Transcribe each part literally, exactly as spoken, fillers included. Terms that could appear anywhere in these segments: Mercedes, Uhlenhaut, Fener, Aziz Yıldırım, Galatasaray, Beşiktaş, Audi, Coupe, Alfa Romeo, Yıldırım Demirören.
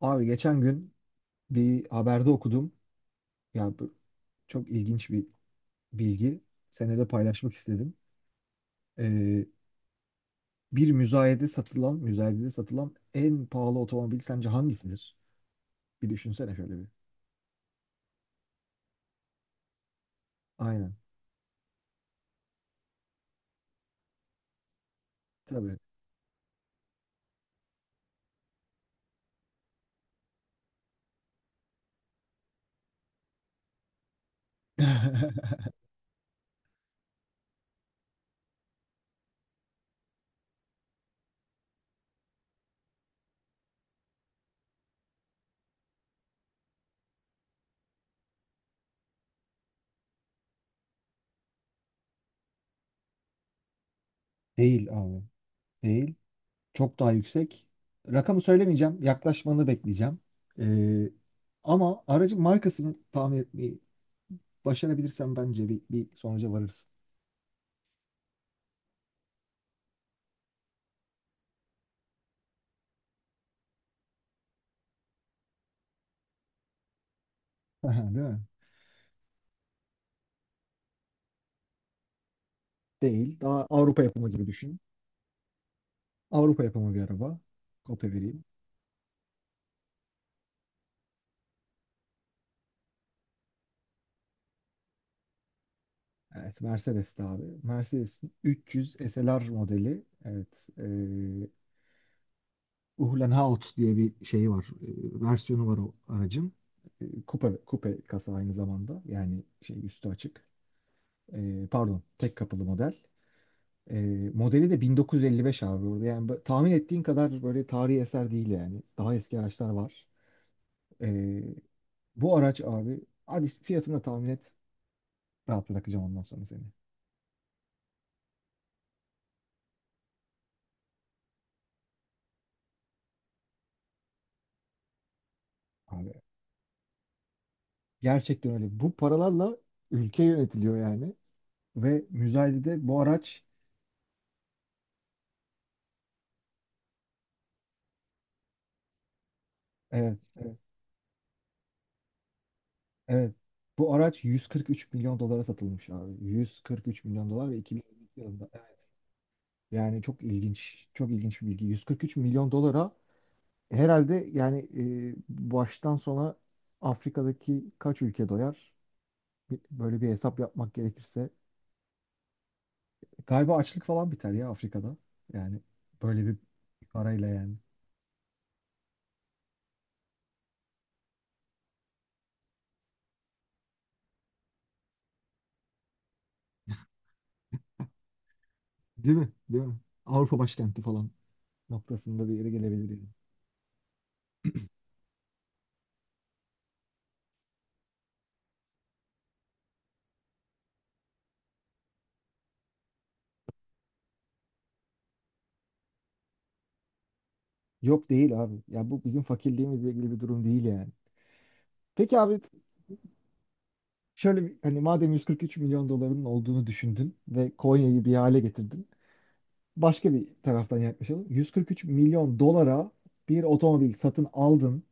Abi geçen gün bir haberde okudum. Ya bu çok ilginç bir bilgi. Senede paylaşmak istedim. Ee, bir müzayede satılan, müzayedede satılan en pahalı otomobil sence hangisidir? Bir düşünsene şöyle bir. Aynen. Tabii. Değil abi. Değil. Çok daha yüksek. Rakamı söylemeyeceğim. Yaklaşmanı bekleyeceğim. Ee, ama aracın markasını tahmin etmeyi başarabilirsem bence bir, bir sonuca varırız. Değil mi? Değil. Daha Avrupa yapımı gibi düşün. Avrupa yapımı bir araba. Kopya vereyim. Evet, Mercedes'ti abi. Mercedes'in üç yüz S L R modeli. Evet, e, Uhlenhaut diye bir şeyi var. e, versiyonu var o aracın. E, Coupe, coupe kasa aynı zamanda. Yani şey üstü açık. E, pardon, tek kapılı model. E, modeli de bin dokuz yüz elli beş abi orada. Yani bu- tahmin ettiğin kadar böyle tarihi eser değil yani. Daha eski araçlar var. E, bu araç abi, hadi fiyatını da tahmin et. Rahat bırakacağım ondan sonra seni. Abi, gerçekten öyle. Bu paralarla ülke yönetiliyor yani. Ve müzayedede bu araç. Evet, evet, evet. Bu araç yüz kırk üç milyon dolara satılmış abi. yüz kırk üç milyon dolar ve iki bin yirmi iki yılında. Evet. Yani çok ilginç, çok ilginç bir bilgi. yüz kırk üç milyon dolara herhalde yani, e, baştan sona Afrika'daki kaç ülke doyar? Bir- Böyle bir hesap yapmak gerekirse. Galiba açlık falan biter ya Afrika'da. Yani böyle bir parayla yani. Değil mi? Değil mi? Avrupa başkenti falan noktasında bir yere gelebilir yani. Yok değil abi. Ya bu bizim fakirliğimizle ilgili bir durum değil yani. Peki abi şöyle bir, hani madem yüz kırk üç milyon doların olduğunu düşündün ve Konya'yı bir hale getirdin. Başka bir taraftan yaklaşalım. yüz kırk üç milyon dolara bir otomobil satın aldın,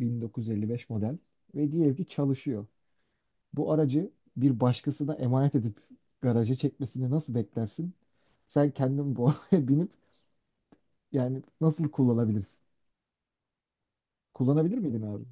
bin dokuz yüz elli beş model, ve diyelim ki çalışıyor. Bu aracı bir başkasına emanet edip garaja çekmesini nasıl beklersin? Sen kendin bu arabaya binip yani nasıl kullanabilirsin? Kullanabilir miydin abi?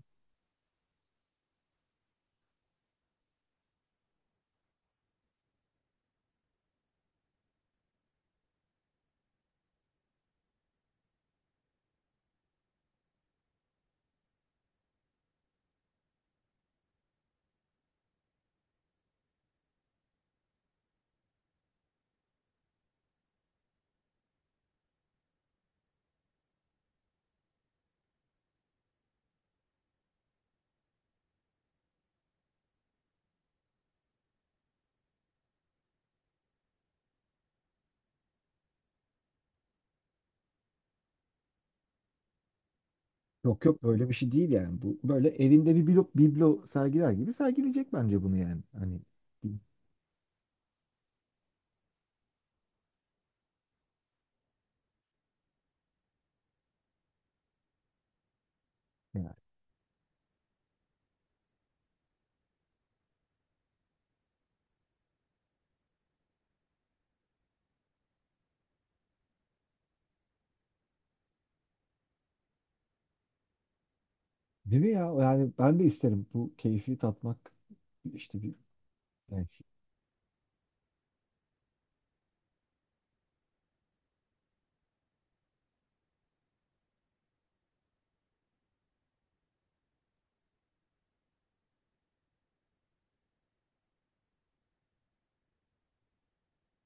Yok, yok, böyle bir şey değil yani. Bu böyle evinde bir biblo, biblo sergiler gibi sergileyecek bence bunu yani. Hani yani. Değil mi ya? Yani ben de isterim bu keyfi tatmak, işte bir yani.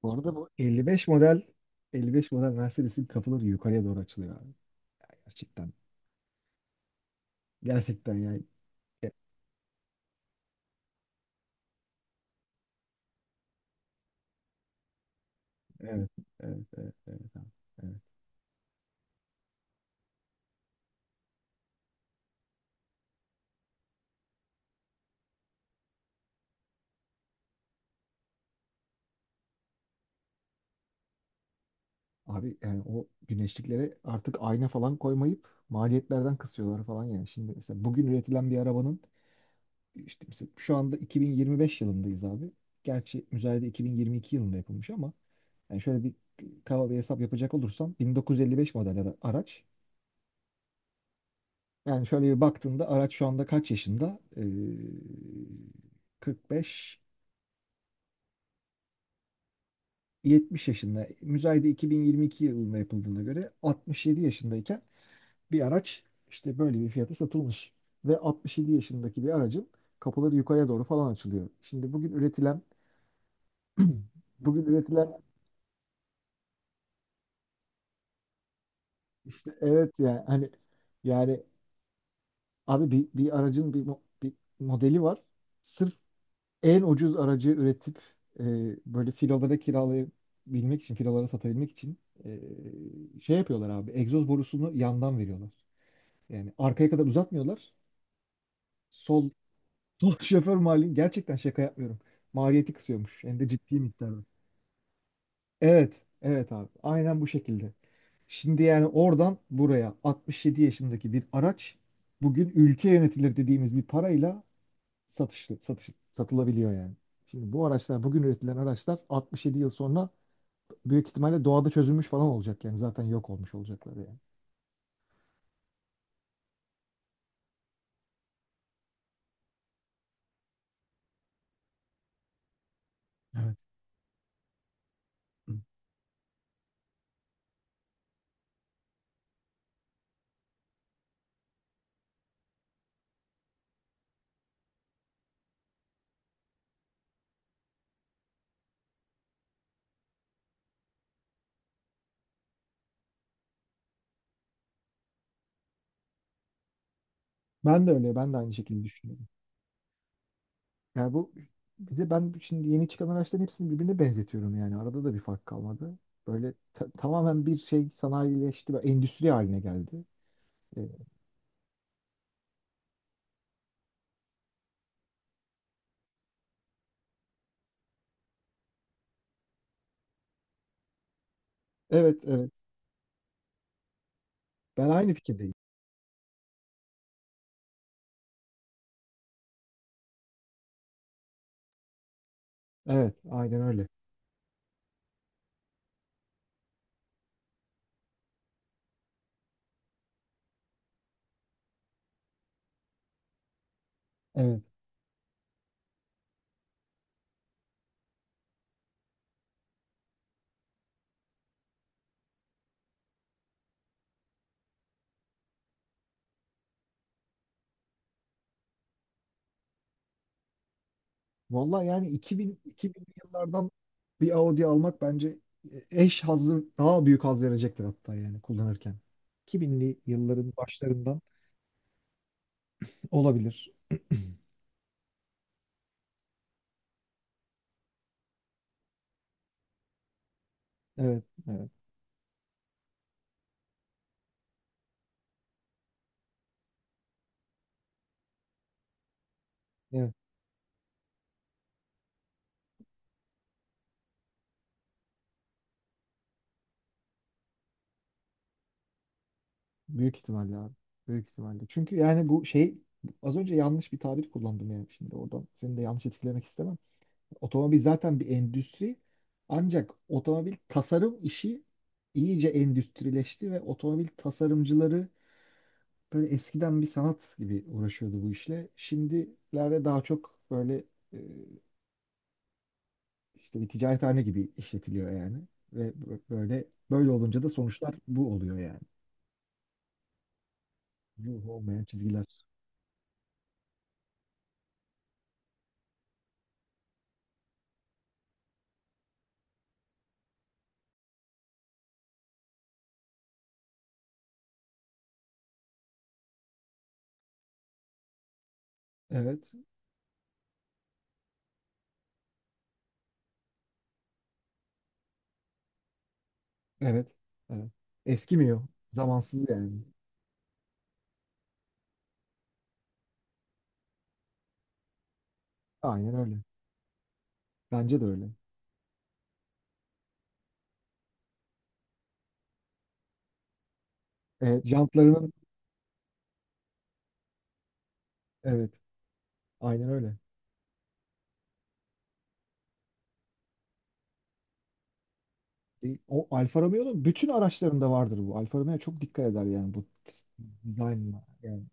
Bu arada bu elli beş model, elli beş model Mercedes'in kapıları yukarıya doğru açılıyor abi. Gerçekten. Gerçekten yani. Evet, evet, evet, evet, evet, abi. Evet. Abi, yani o güneşliklere artık ayna falan koymayıp maliyetlerden kısıyorlar falan yani. Şimdi mesela bugün üretilen bir arabanın. İşte mesela şu anda iki bin yirmi beş yılındayız abi. Gerçi müzayede iki bin yirmi iki yılında yapılmış ama yani şöyle bir kaba bir hesap yapacak olursam bin dokuz yüz elli beş model ara- araç. Yani şöyle bir baktığında araç şu anda kaç yaşında? Ee, kırk beş, yetmiş yaşında. Müzayede iki bin yirmi iki yılında yapıldığına göre altmış yedi yaşındayken bir araç işte böyle bir fiyata satılmış. Ve altmış yedi yaşındaki bir aracın kapıları yukarıya doğru falan açılıyor. Şimdi bugün üretilen. bugün üretilen Evet, yani hani yani abi, bir, bir aracın bir, mo- bir modeli var. Sırf en ucuz aracı üretip, e, böyle filolara kiralayabilmek için, filolara satabilmek için, e, şey yapıyorlar abi. Egzoz borusunu yandan veriyorlar. Yani arkaya kadar uzatmıyorlar. Sol, sol şoför mali gerçekten şaka yapmıyorum. Maliyeti kısıyormuş. Hem de ciddi miktar. Evet, evet abi. Aynen bu şekilde. Şimdi yani oradan buraya altmış yedi yaşındaki bir araç bugün ülke yönetilir dediğimiz bir parayla satışlı, satış, satılabiliyor yani. Şimdi bu araçlar, bugün üretilen araçlar altmış yedi yıl sonra büyük ihtimalle doğada çözülmüş falan olacak yani. Zaten yok olmuş olacaklar yani. Evet. Ben de öyle, ben de aynı şekilde düşünüyorum. Yani bu, bir de ben şimdi yeni çıkan araçların hepsini birbirine benzetiyorum yani. Arada da bir fark kalmadı. Böyle ta- tamamen bir şey sanayileşti ve endüstri haline geldi. E, Evet, evet. Ben aynı fikirdeyim. Evet, aynen öyle. Evet. Vallahi yani iki bin iki binli yıllardan bir Audi almak bence eş hazzı, daha büyük haz verecektir hatta yani kullanırken. iki binli yılların başlarından olabilir. Evet, evet, evet. Büyük ihtimalle abi. Büyük ihtimalle. Çünkü yani bu şey, az önce yanlış bir tabir kullandım yani, şimdi oradan seni de yanlış etkilemek istemem. Otomobil zaten bir endüstri. Ancak otomobil tasarım işi iyice endüstrileşti ve otomobil tasarımcıları böyle eskiden bir sanat gibi uğraşıyordu bu işle. Şimdilerde daha çok böyle, e, işte bir ticarethane gibi işletiliyor yani. Ve bö- böyle böyle olunca da sonuçlar bu oluyor yani. Ruh olmayan çizgiler. Evet, evet, evet. Eskimiyor. Zamansız yani. Aynen öyle. Bence de öyle. Evet, jantlarının, evet, aynen öyle. E, O Alfa Romeo'nun bütün araçlarında vardır bu. Alfa Romeo çok dikkat eder yani bu dizaynla. Yani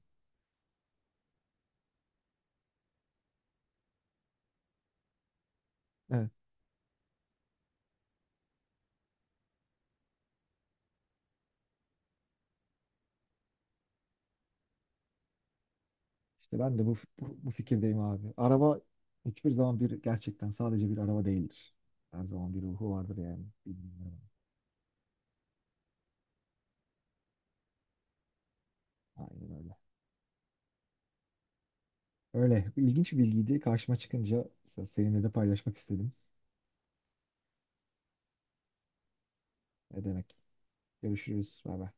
evet. işte ben de bu, bu, bu fikirdeyim abi. Araba hiçbir zaman bir gerçekten sadece bir araba değildir. Her zaman bir ruhu vardır yani. Bilmiyorum. Aynen öyle. Öyle. İlginç bir bilgiydi. Karşıma çıkınca seninle de paylaşmak istedim. Ne demek. Görüşürüz. Bay bay.